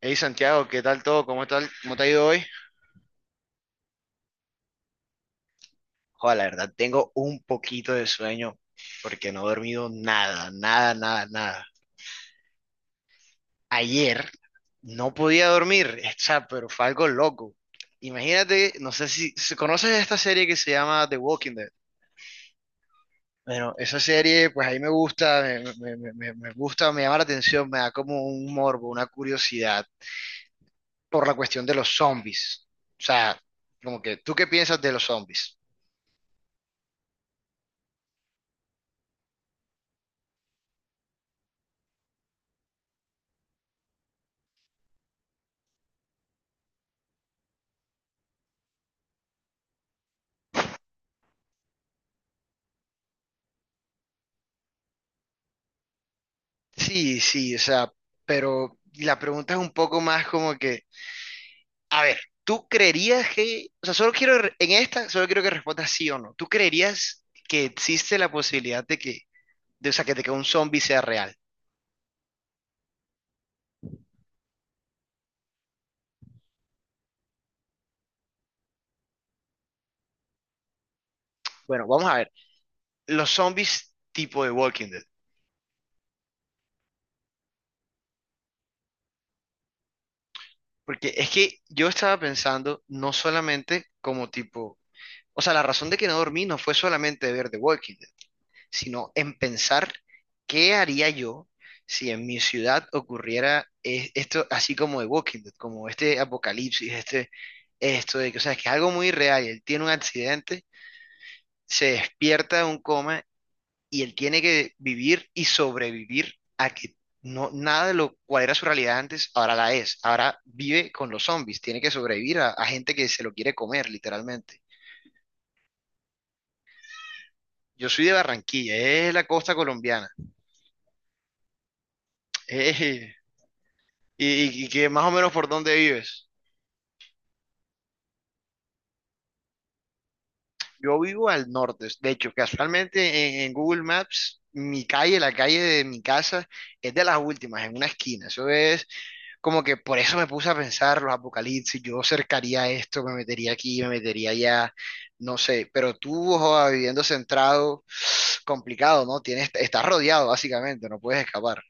Hey Santiago, ¿qué tal todo? ¿Cómo tal? ¿Cómo te ha ido hoy? Joder, la verdad, tengo un poquito de sueño porque no he dormido nada, nada, nada, nada. Ayer no podía dormir, o sea, pero fue algo loco. Imagínate, no sé si conoces esta serie que se llama The Walking Dead. Bueno, esa serie, pues ahí me gusta, me gusta, me llama la atención, me da como un morbo, una curiosidad por la cuestión de los zombies. O sea, como que, ¿tú qué piensas de los zombies? Sí, sí, o sea, pero la pregunta es un poco más como que, a ver, ¿tú creerías que, o sea, solo quiero, re- en esta, solo quiero que respondas sí o no? ¿Tú creerías que existe la posibilidad de que, o sea, de que un zombie sea real? Bueno, vamos a ver, los zombies tipo de Walking Dead, porque es que yo estaba pensando no solamente como tipo, o sea, la razón de que no dormí no fue solamente ver The Walking Dead, sino en pensar qué haría yo si en mi ciudad ocurriera esto, así como de Walking Dead, como este apocalipsis, esto de que, o sea, es que es algo muy real. Y él tiene un accidente, se despierta de un coma y él tiene que vivir y sobrevivir a que no, nada de lo cual era su realidad antes, ahora la es. Ahora vive con los zombies, tiene que sobrevivir a, gente que se lo quiere comer, literalmente. Yo soy de Barranquilla, es la costa colombiana. Y que más o menos por dónde vives? Yo vivo al norte. De hecho, casualmente en, Google Maps, mi calle, la calle de mi casa, es de las últimas, en una esquina. Eso es como que por eso me puse a pensar los apocalipsis. Yo cercaría esto, me metería aquí, me metería allá. No sé, pero tú, joda, viviendo centrado, complicado, ¿no? Tienes, estás rodeado, básicamente, no puedes escapar.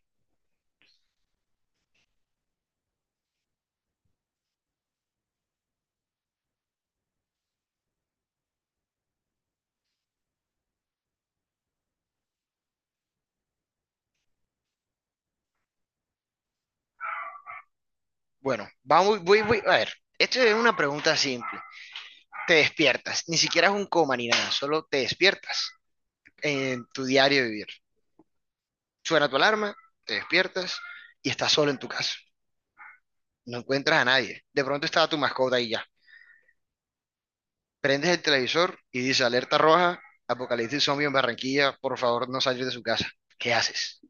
Bueno, vamos, a ver. Esto es una pregunta simple. Te despiertas, ni siquiera es un coma ni nada, solo te despiertas, en tu diario vivir. Suena tu alarma, te despiertas y estás solo en tu casa. No encuentras a nadie. De pronto estaba tu mascota y ya. Prendes el televisor y dice alerta roja, apocalipsis zombie en Barranquilla, por favor no salgas de su casa. ¿Qué haces?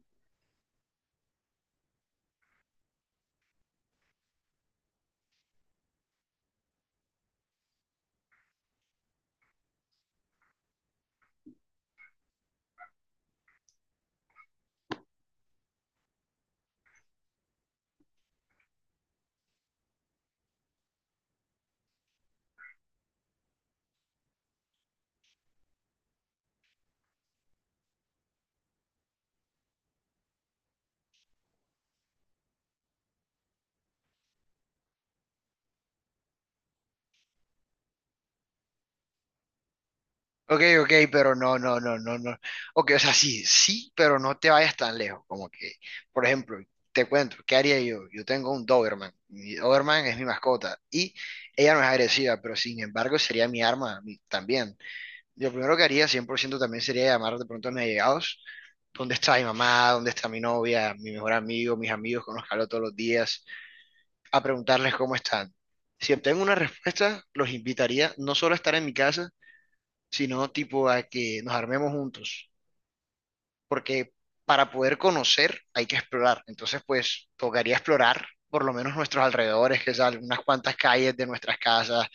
Ok, ok, pero no, no, no, no, no. Ok, o sea, sí, sí, pero no te vayas tan lejos. Como que, por ejemplo, te cuento, ¿qué haría yo? Yo tengo un Doberman. Mi Doberman es mi mascota y ella no es agresiva, pero sin embargo sería mi arma a mí también. Yo primero que haría 100% también sería llamar de pronto a mis allegados. ¿Dónde está mi mamá? ¿Dónde está mi novia? Mi mejor amigo, mis amigos con los que hablo todos los días, a preguntarles cómo están. Si obtengo una respuesta, los invitaría no solo a estar en mi casa, sino tipo a que nos armemos juntos, porque para poder conocer hay que explorar. Entonces, pues, tocaría explorar por lo menos nuestros alrededores, que son unas cuantas calles de nuestras casas,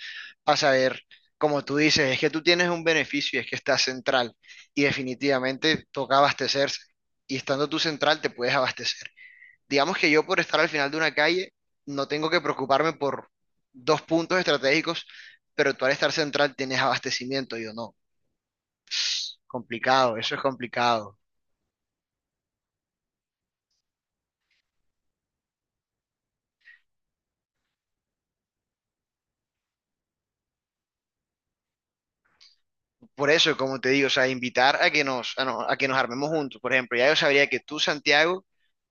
para saber, como tú dices, es que tú tienes un beneficio y es que estás central y definitivamente toca abastecerse. Y estando tú central te puedes abastecer. Digamos que yo por estar al final de una calle no tengo que preocuparme por dos puntos estratégicos, pero tú al estar central tienes abastecimiento, yo no. Complicado, eso es complicado. Por eso, como te digo, o sea, invitar a que nos, a, no- a que nos armemos juntos. Por ejemplo, ya yo sabría que tú, Santiago,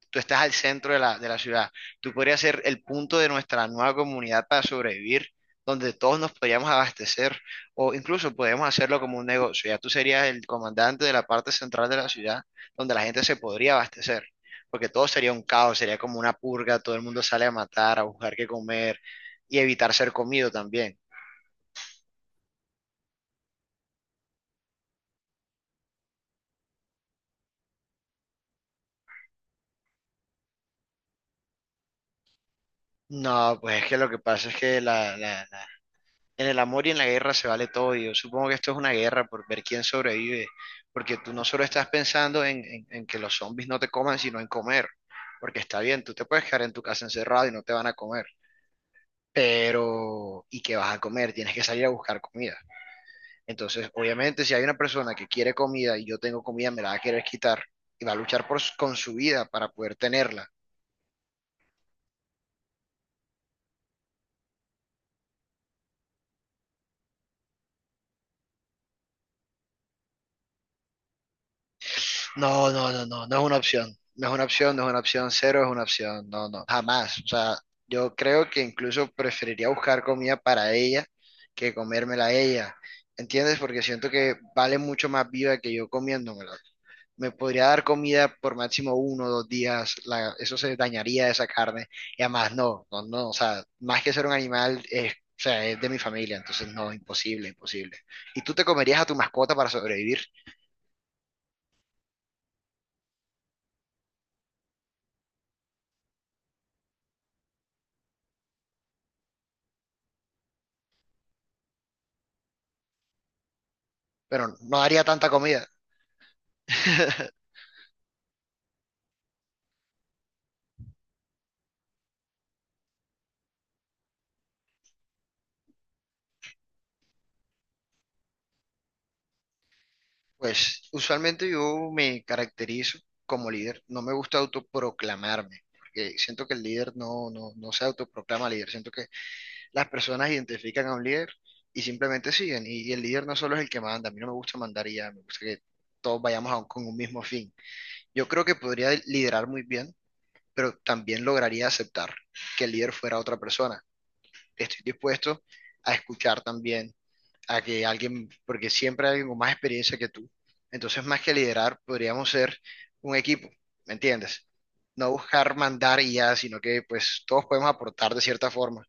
tú estás al centro de la, ciudad. Tú podrías ser el punto de nuestra nueva comunidad para sobrevivir, donde todos nos podríamos abastecer. O incluso podemos hacerlo como un negocio. Ya tú serías el comandante de la parte central de la ciudad, donde la gente se podría abastecer. Porque todo sería un caos, sería como una purga, todo el mundo sale a matar, a buscar qué comer y evitar ser comido también. No, pues es que lo que pasa es que en el amor y en la guerra se vale todo. Y yo supongo que esto es una guerra por ver quién sobrevive, porque tú no solo estás pensando en, que los zombies no te coman, sino en comer. Porque está bien, tú te puedes quedar en tu casa encerrado y no te van a comer. Pero, ¿y qué vas a comer? Tienes que salir a buscar comida. Entonces, obviamente, si hay una persona que quiere comida y yo tengo comida, me la va a querer quitar y va a luchar con su vida para poder tenerla. No, no, no, no, no es una opción. No es una opción, no es una opción, cero es una opción. No, no, jamás. O sea, yo creo que incluso preferiría buscar comida para ella que comérmela a ella. ¿Entiendes? Porque siento que vale mucho más vida que yo comiéndomela. Me podría dar comida por máximo uno o dos días, eso se dañaría esa carne. Y además, no, no, no, o sea, más que ser un animal, es, o sea, es de mi familia, entonces no, imposible, imposible. ¿Y tú te comerías a tu mascota para sobrevivir? Pero no daría tanta comida. Pues usualmente yo me caracterizo como líder, no me gusta autoproclamarme, porque siento que el líder no, no, no se autoproclama líder, siento que las personas identifican a un líder y simplemente siguen, y el líder no solo es el que manda, a mí no me gusta mandar y ya, me gusta que todos vayamos con un mismo fin. Yo creo que podría liderar muy bien, pero también lograría aceptar que el líder fuera otra persona. Estoy dispuesto a escuchar también a que alguien, porque siempre hay alguien con más experiencia que tú. Entonces, más que liderar, podríamos ser un equipo, ¿me entiendes? No buscar mandar y ya, sino que pues todos podemos aportar de cierta forma.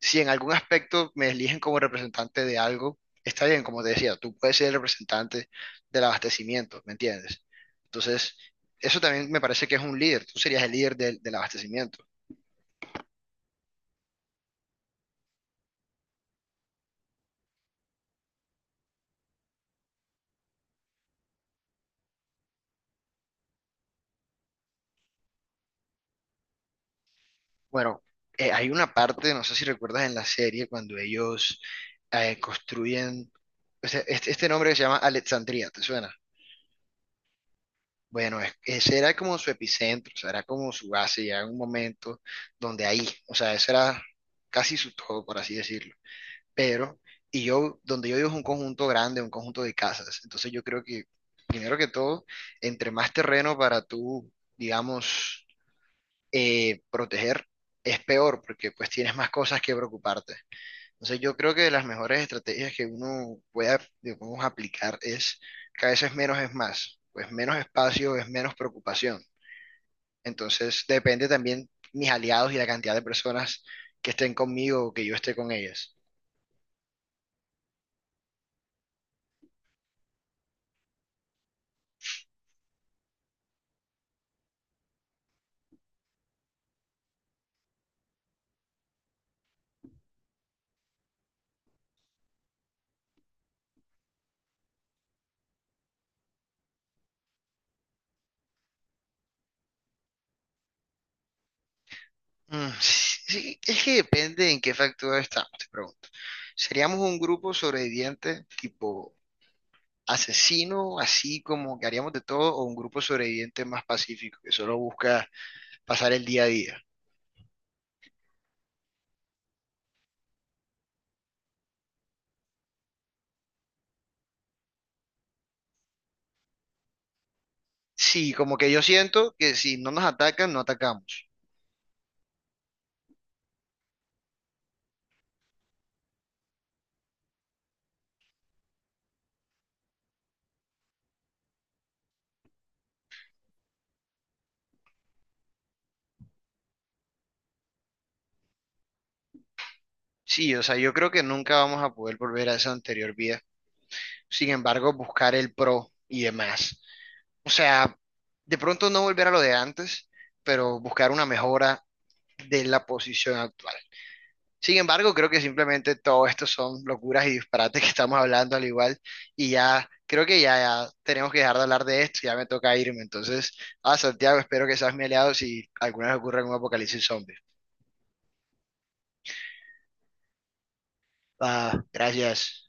Si en algún aspecto me eligen como representante de algo, está bien, como te decía, tú puedes ser el representante del abastecimiento, ¿me entiendes? Entonces, eso también me parece que es un líder, tú serías el líder del, abastecimiento. Bueno, hay una parte, no sé si recuerdas en la serie, cuando ellos construyen, o sea, este nombre que se llama Alexandria, ¿te suena? Bueno, ese era como su epicentro, o sea, era como su base, ya en un momento donde ahí, o sea, ese era casi su todo, por así decirlo. Pero, y yo, donde yo vivo es un conjunto grande, un conjunto de casas, entonces yo creo que, primero que todo, entre más terreno para tú, digamos, proteger es peor porque pues tienes más cosas que preocuparte. Entonces yo creo que de las mejores estrategias que uno pueda, digamos, aplicar es que a veces menos es más, pues menos espacio es menos preocupación. Entonces depende también mis aliados y la cantidad de personas que estén conmigo o que yo esté con ellas. Mm, sí, sí, es que depende en qué factor estamos, te pregunto. ¿Seríamos un grupo sobreviviente tipo asesino, así como que haríamos de todo, o un grupo sobreviviente más pacífico, que solo busca pasar el día a día? Sí, como que yo siento que si no nos atacan, no atacamos. Sí, o sea, yo creo que nunca vamos a poder volver a esa anterior vida. Sin embargo, buscar el pro y demás. O sea, de pronto no volver a lo de antes, pero buscar una mejora de la posición actual. Sin embargo, creo que simplemente todo esto son locuras y disparates que estamos hablando al igual y ya creo que ya, tenemos que dejar de hablar de esto, ya me toca irme. Entonces, Santiago, espero que seas mi aliado si alguna vez ocurre un apocalipsis zombie. Ah, gracias.